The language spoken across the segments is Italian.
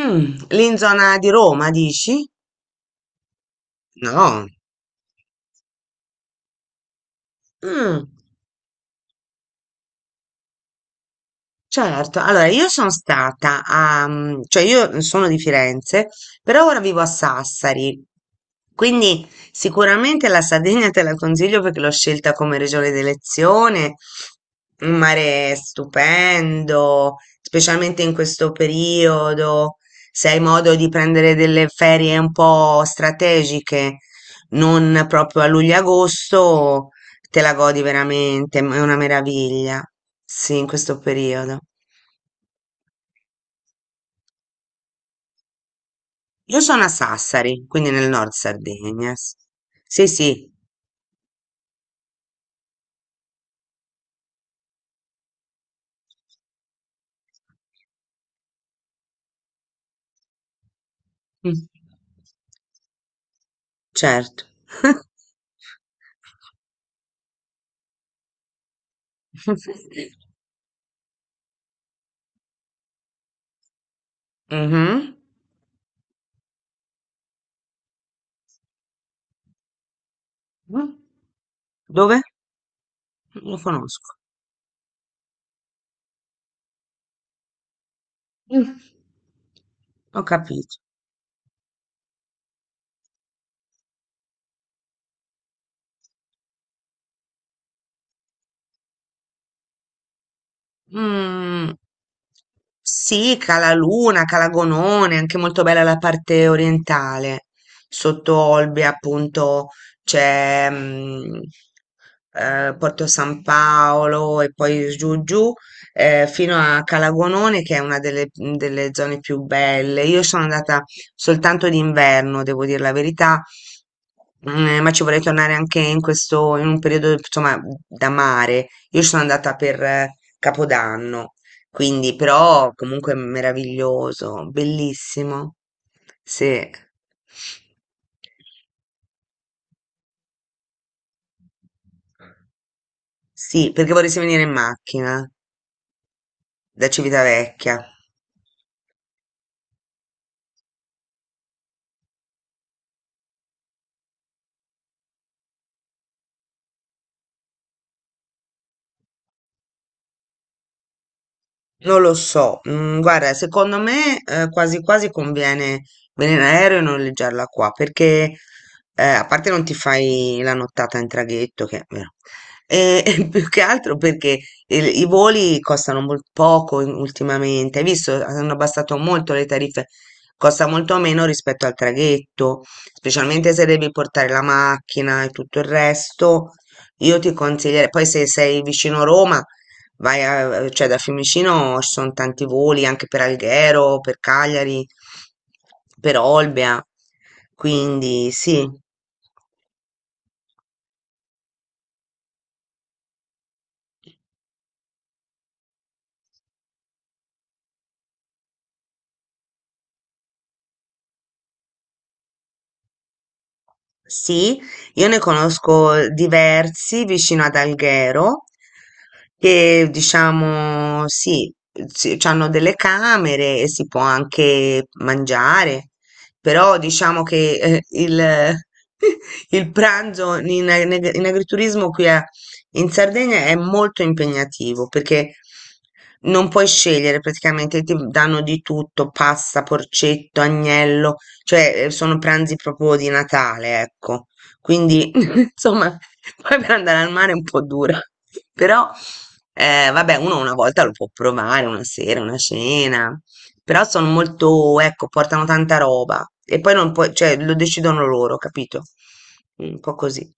Lì in zona di Roma, dici? No. Mm, certo, allora io sono stata a, cioè io sono di Firenze, però ora vivo a Sassari, quindi sicuramente la Sardegna te la consiglio perché l'ho scelta come regione d'elezione, un mare stupendo, specialmente in questo periodo, se hai modo di prendere delle ferie un po' strategiche, non proprio a luglio-agosto. Te la godi veramente, è una meraviglia. Sì, in questo periodo. Io sono a Sassari, quindi nel nord Sardegna. Sì, sì, mm, certo. Mhm. Dove? Lo conosco. Mm. Ho capito. Mm, sì, Calaluna, Calagonone, anche molto bella la parte orientale. Sotto Olbia, appunto, c'è Porto San Paolo e poi giù giù fino a Calagonone, che è una delle, delle zone più belle. Io sono andata soltanto d'inverno, devo dire la verità, ma ci vorrei tornare anche in questo, in un periodo, insomma, da mare. Io ci sono andata per Capodanno, quindi però comunque meraviglioso, bellissimo. Sì. Sì, perché vorresti venire in macchina da Civitavecchia. Non lo so, guarda, secondo me quasi quasi conviene venire in aereo e noleggiarla qua, perché a parte non ti fai la nottata in traghetto, che è vero, e, e più che altro perché i voli costano poco ultimamente, hai visto, hanno abbassato molto le tariffe, costa molto meno rispetto al traghetto, specialmente se devi portare la macchina e tutto il resto, io ti consiglierei, poi se sei vicino Roma vai a, cioè da Fiumicino ci sono tanti voli anche per Alghero, per Cagliari, per Olbia, quindi sì. Sì, io ne conosco diversi vicino ad Alghero che diciamo sì, hanno delle camere e si può anche mangiare, però diciamo che il, il pranzo in, in agriturismo qui in Sardegna è molto impegnativo perché non puoi scegliere praticamente, ti danno di tutto, pasta, porcetto, agnello cioè, sono pranzi proprio di Natale, ecco. Quindi, insomma, poi per andare al mare è un po' dura. Però, vabbè, uno una volta lo può provare, una sera, una cena. Però sono molto, ecco, portano tanta roba. E poi non puoi, cioè, lo decidono loro, capito? Un po' così.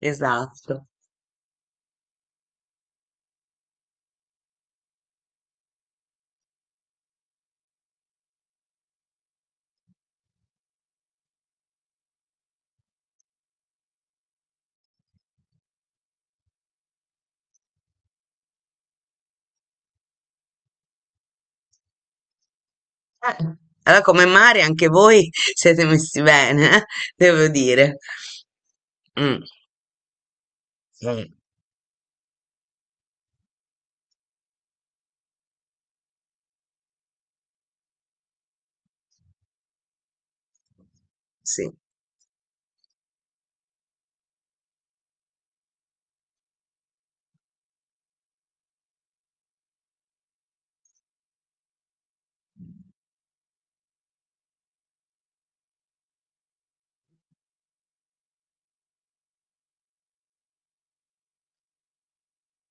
Esatto. Eh, allora, come mare, anche voi siete messi bene, devo dire. Mm. Mm. Sì.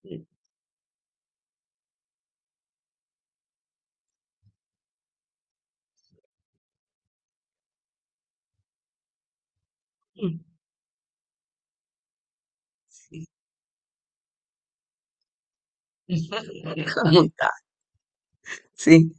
Mm. Mm. Sì. Comunità, sì.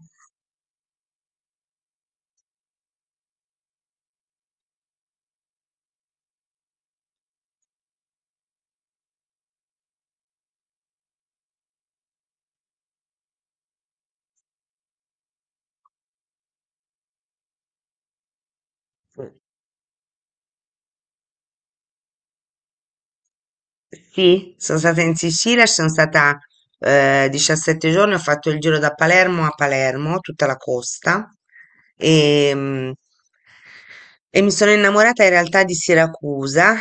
Sì, sono stata in Sicilia, ci sono stata 17 giorni, ho fatto il giro da Palermo a Palermo, tutta la costa, e, e mi sono innamorata in realtà di Siracusa,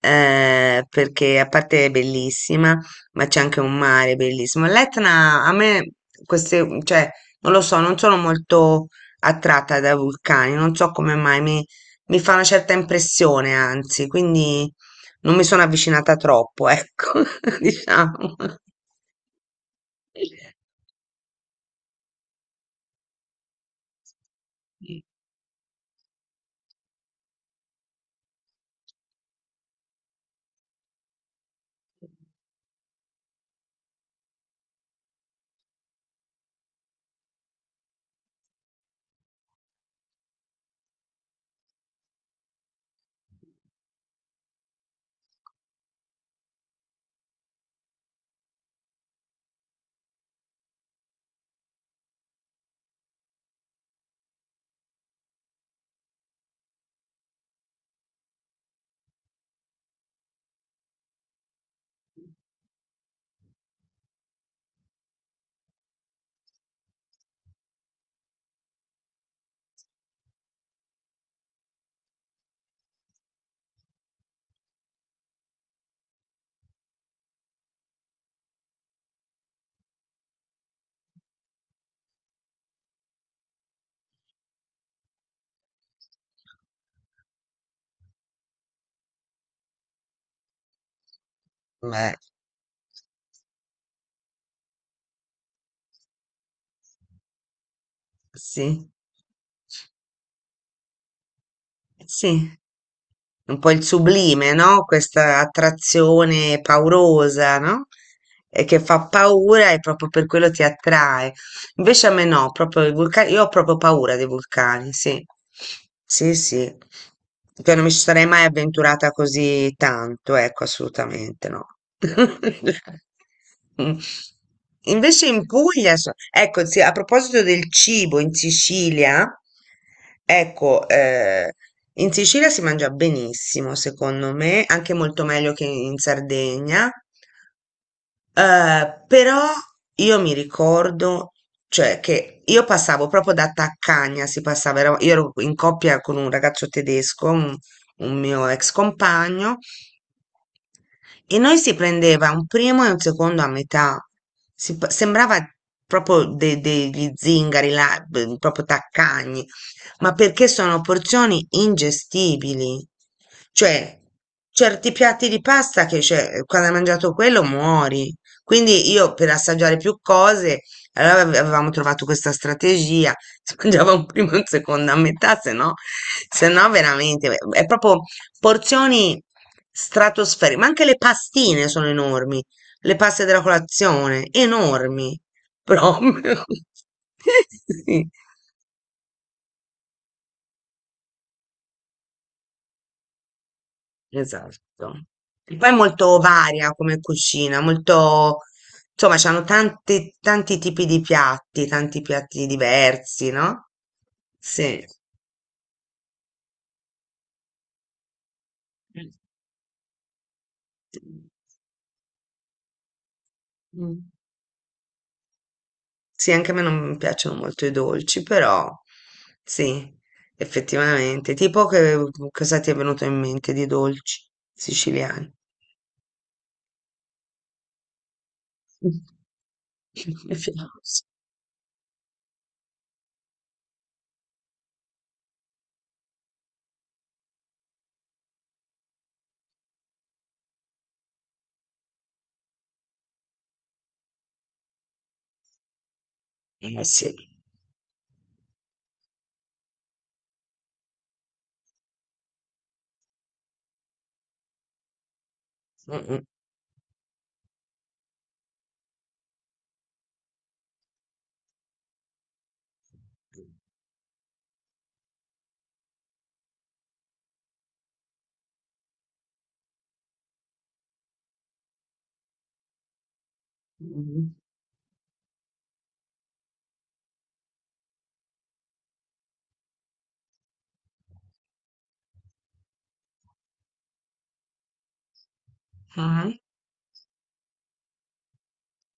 perché a parte è bellissima, ma c'è anche un mare bellissimo. L'Etna, a me, queste, cioè, non lo so, non sono molto attratta da vulcani, non so come mai, mi fa una certa impressione, anzi, quindi... Non mi sono avvicinata troppo, ecco, diciamo. Beh, sì. Sì, un po' il sublime, no? Questa attrazione paurosa, no? E che fa paura e proprio per quello ti attrae. Invece a me no, proprio i vulcani, io ho proprio paura dei vulcani, sì. Sì, sì. Cioè, non mi ci sarei mai avventurata così tanto, ecco, assolutamente no. Mm. Invece in Puglia, ecco, sì, a proposito del cibo in Sicilia, ecco, in Sicilia si mangia benissimo, secondo me, anche molto meglio che in Sardegna. Però io mi ricordo, cioè, che io passavo proprio da taccagna, si passava, io ero in coppia con un ragazzo tedesco, un mio ex compagno, e noi si prendeva un primo e un secondo a metà. Sembrava proprio degli zingari, là, proprio taccagni ma perché sono porzioni ingestibili. Cioè, certi piatti di pasta che cioè, quando hai mangiato quello muori. Quindi io per assaggiare più cose, allora avevamo trovato questa strategia, si mangiava un primo e un secondo a metà, se no, se no veramente, è proprio porzioni stratosferiche, ma anche le pastine sono enormi, le paste della colazione, enormi, proprio. Sì. Esatto. E poi è molto varia come cucina, molto, insomma, c'hanno tanti, tanti tipi di piatti, tanti piatti diversi, no? Sì. Mm. Sì, anche a me non piacciono molto i dolci, però sì, effettivamente. Tipo che cosa ti è venuto in mente di dolci siciliani? Eh sì. Mm, mm. Mhm.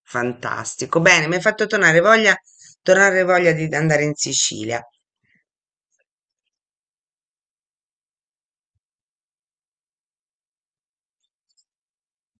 Fantastico. Bene, mi hai fatto tornare voglia di andare in Sicilia.